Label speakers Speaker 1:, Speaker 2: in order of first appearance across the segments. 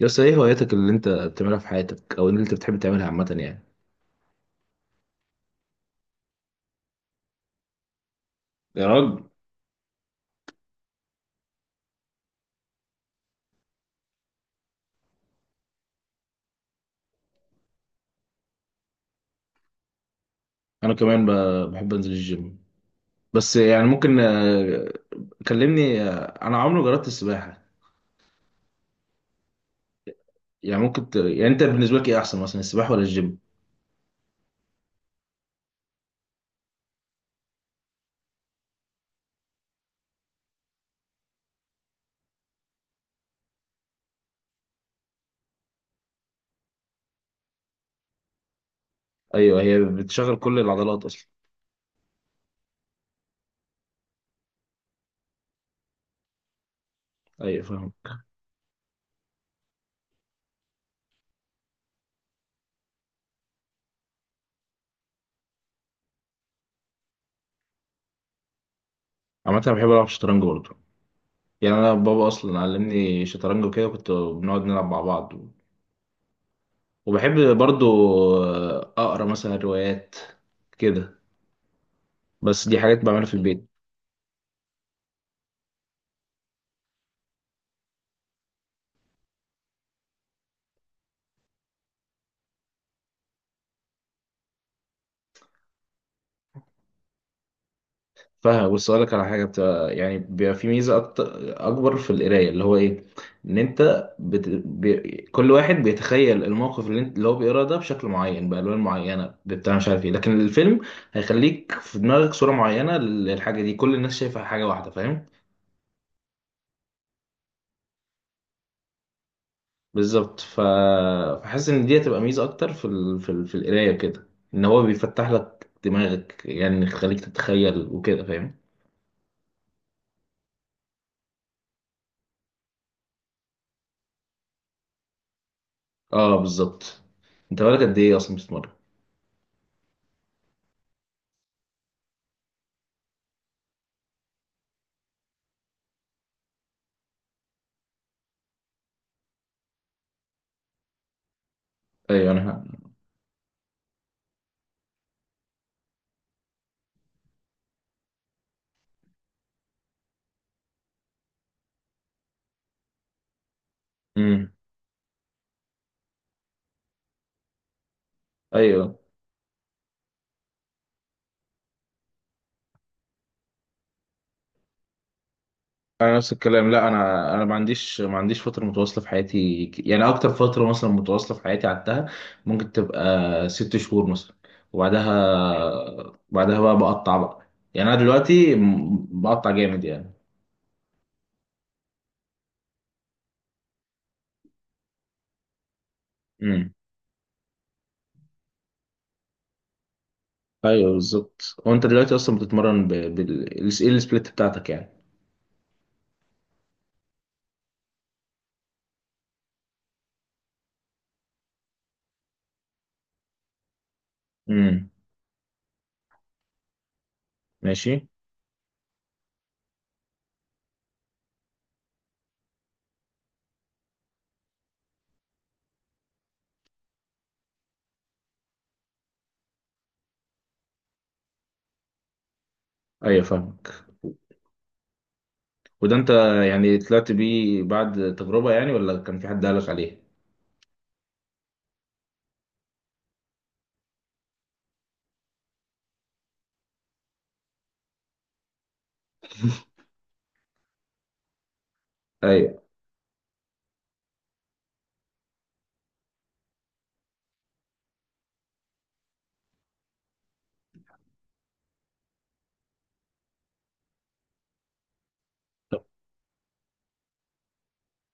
Speaker 1: يس ايه هواياتك اللي انت بتعملها في حياتك او اللي انت بتحب تعملها عامة يعني. يا راجل، انا كمان بحب انزل الجيم. بس يعني ممكن كلمني. انا عمري ما جربت السباحة. يعني ممكن يعني انت بالنسبة لك ايه احسن مثلا، السباحة ولا الجيم؟ ايوه هي بتشغل كل العضلات اصلا. ايوه فاهم. عامة انا بحب العب شطرنج برضه. يعني انا بابا اصلا علمني شطرنج وكده، كنت بنقعد نلعب مع بعض. وبحب برضه اقرا مثلا روايات كده. بس دي حاجات بعملها في البيت. فاهم؟ بص اقول لك على حاجه بتبقى يعني بيبقى في ميزه أكتر، اكبر في القرايه، اللي هو ايه؟ ان انت كل واحد بيتخيل الموقف اللي هو بيقراه ده بشكل معين، بالوان معينه، بتاع مش عارف ايه. لكن الفيلم هيخليك في دماغك صوره معينه للحاجه دي. كل الناس شايفه حاجه واحده، فاهم؟ بالظبط فحاسس ان دي هتبقى ميزه اكتر في في القرايه كده، ان هو بيفتح لك دماغك، يعني يخليك تتخيل وكده. فاهم؟ اه بالظبط. انت بالك قد ايه اصلا بتتمرن؟ ايوه انا. امم. ايوه انا نفس الكلام. لا انا، انا ما عنديش فتره متواصله في حياتي. يعني اكتر فتره مثلا متواصله في حياتي قعدتها ممكن تبقى ست شهور مثلا. وبعدها بقى بقطع بقى. يعني انا دلوقتي بقطع جامد يعني. امم. ايوه بالظبط. وانت دلوقتي اصلا بتتمرن بال ايه؟ السبليت بتاعتك يعني. امم. ماشي. ايوه فاهمك. وده انت يعني طلعت بيه بعد تجربه، يعني ولا كان في حد قالك عليه؟ ايوه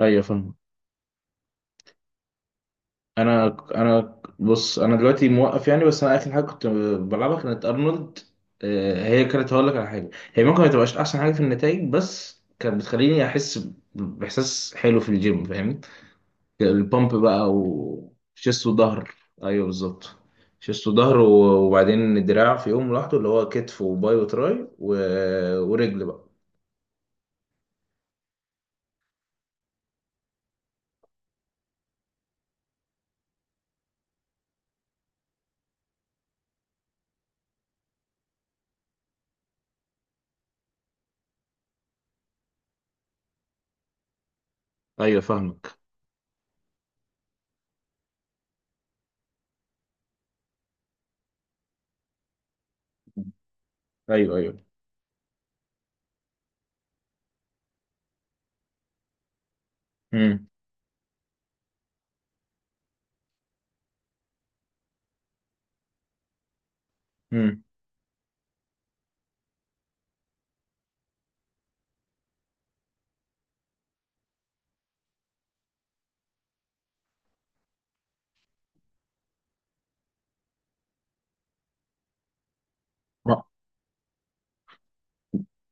Speaker 1: ايوه فاهم. انا بص، انا دلوقتي موقف يعني، بس انا اخر حاجه كنت بلعبها كانت ارنولد. هي كانت، هقول لك على حاجه، هي ممكن ما تبقاش احسن حاجه في النتائج، بس كانت بتخليني احس باحساس حلو في الجيم. فاهم؟ البامب بقى وشيست وظهر. ايوه بالظبط. شيست وظهر وبعدين الدراع في يوم لوحده، اللي هو كتف وباي وتراي و... ورجل بقى. ايوه فاهمك. ايوه ايوه. امم.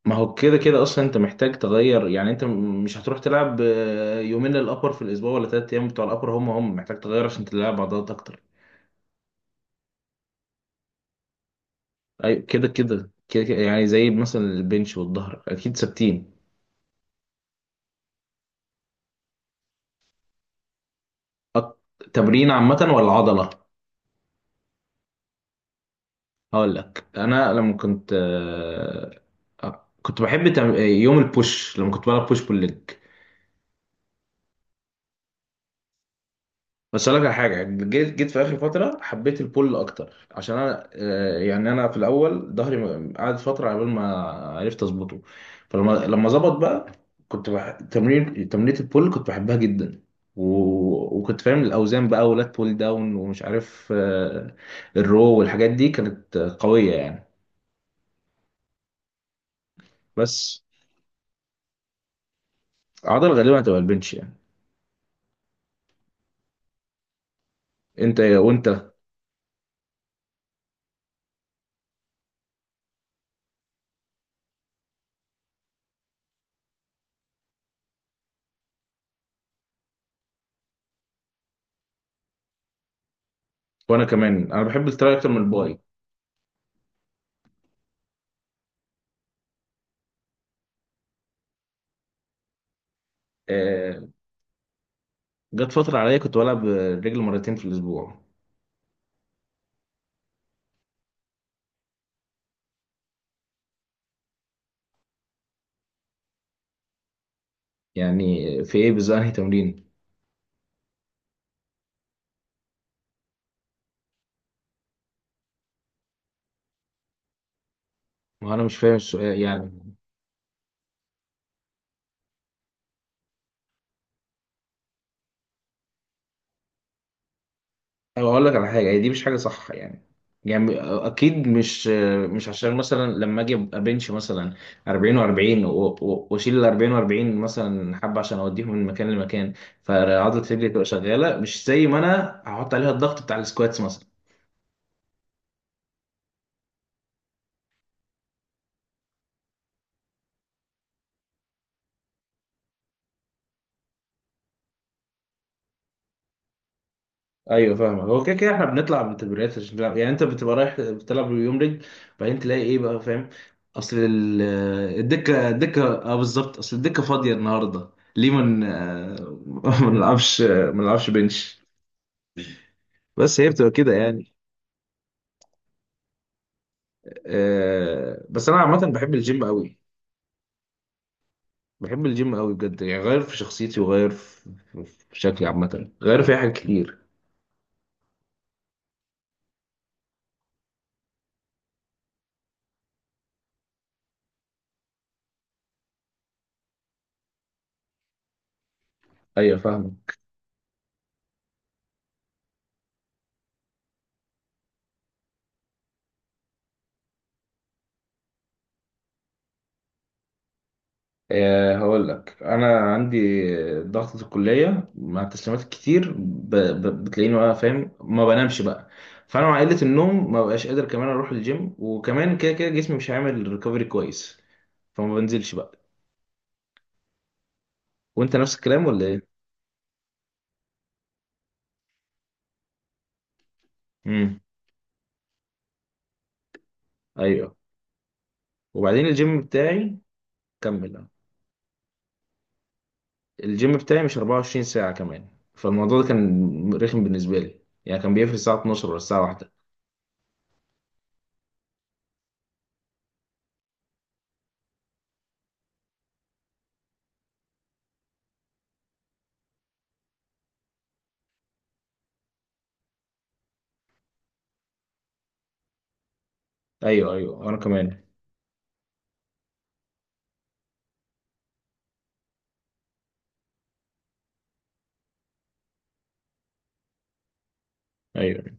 Speaker 1: ما هو كده كده اصلا انت محتاج تغير. يعني انت مش هتروح تلعب يومين للابر في الاسبوع ولا ثلاث ايام بتوع الابر، هم محتاج تغير عشان تلعب عضلات اكتر. ايوه كده كده كده كده، يعني زي مثلا البنش والظهر اكيد ثابتين. تمرين عامه ولا عضله؟ هقول لك، انا لما كنت كنت بحب يوم البوش لما كنت بلعب بوش بول ليج. بس اقول لك على حاجه، جيت في اخر فتره حبيت البول اكتر، عشان انا يعني انا في الاول ظهري قعد فتره على بال ما عرفت اظبطه. فلما ظبط بقى، كنت تمرين تمرينة البول كنت بحبها جدا. و... وكنت فاهم الاوزان بقى، ولات بول داون ومش عارف الرو والحاجات دي كانت قويه يعني. بس عضل غالبا هتبقى البنش يعني. انت وانا كمان، انا بحب التراي اكتر من الباي. آه، جت فتره عليا كنت بلعب الرجل مرتين في الاسبوع. يعني في ايه بالظبط، انهي تمرين؟ ما انا مش فاهم السؤال يعني. أو اقول لك على حاجه، هي دي مش حاجه صح يعني، يعني اكيد مش، مش عشان مثلا لما اجي ابقى بنش مثلا 40 و40 واشيل ال 40 و40 مثلا حبه عشان اوديهم من مكان لمكان، فعضله رجلي تبقى شغاله، مش زي ما انا هحط عليها الضغط بتاع السكواتس مثلا. ايوه فاهمك. هو كده كده احنا بنطلع من تمرينات عشان نلعب. يعني انت بتبقى رايح بتلعب يوم رجل بعدين تلاقي ايه بقى، فاهم؟ اصل الدكه، الدكه. اه بالظبط، اصل الدكه فاضيه النهارده. ليه من ما ن- آه، ما نلعبش بنش؟ بس هي بتبقى كده يعني. بس انا عامه بحب الجيم قوي. بحب الجيم قوي بجد، يعني غير في شخصيتي وغير في شكلي عامه، غير في حاجات كتير. ايوه فاهمك. هقول لك، انا عندي ضغطة الكلية مع التسليمات الكتير بتلاقيني بقى فاهم ما بنامش بقى. فانا مع قلة النوم ما بقاش قادر كمان اروح الجيم، وكمان كده كده جسمي مش هيعمل ريكفري كويس، فما بنزلش بقى. وانت نفس الكلام ولا ايه؟ امم. ايوه. وبعدين الجيم بتاعي. كمل. الجيم بتاعي مش 24 ساعة كمان، فالموضوع ده كان رخم بالنسبة لي. يعني كان بيقفل الساعة 12 ولا الساعة 1. ايوه ايوه انا كمان. ايوه.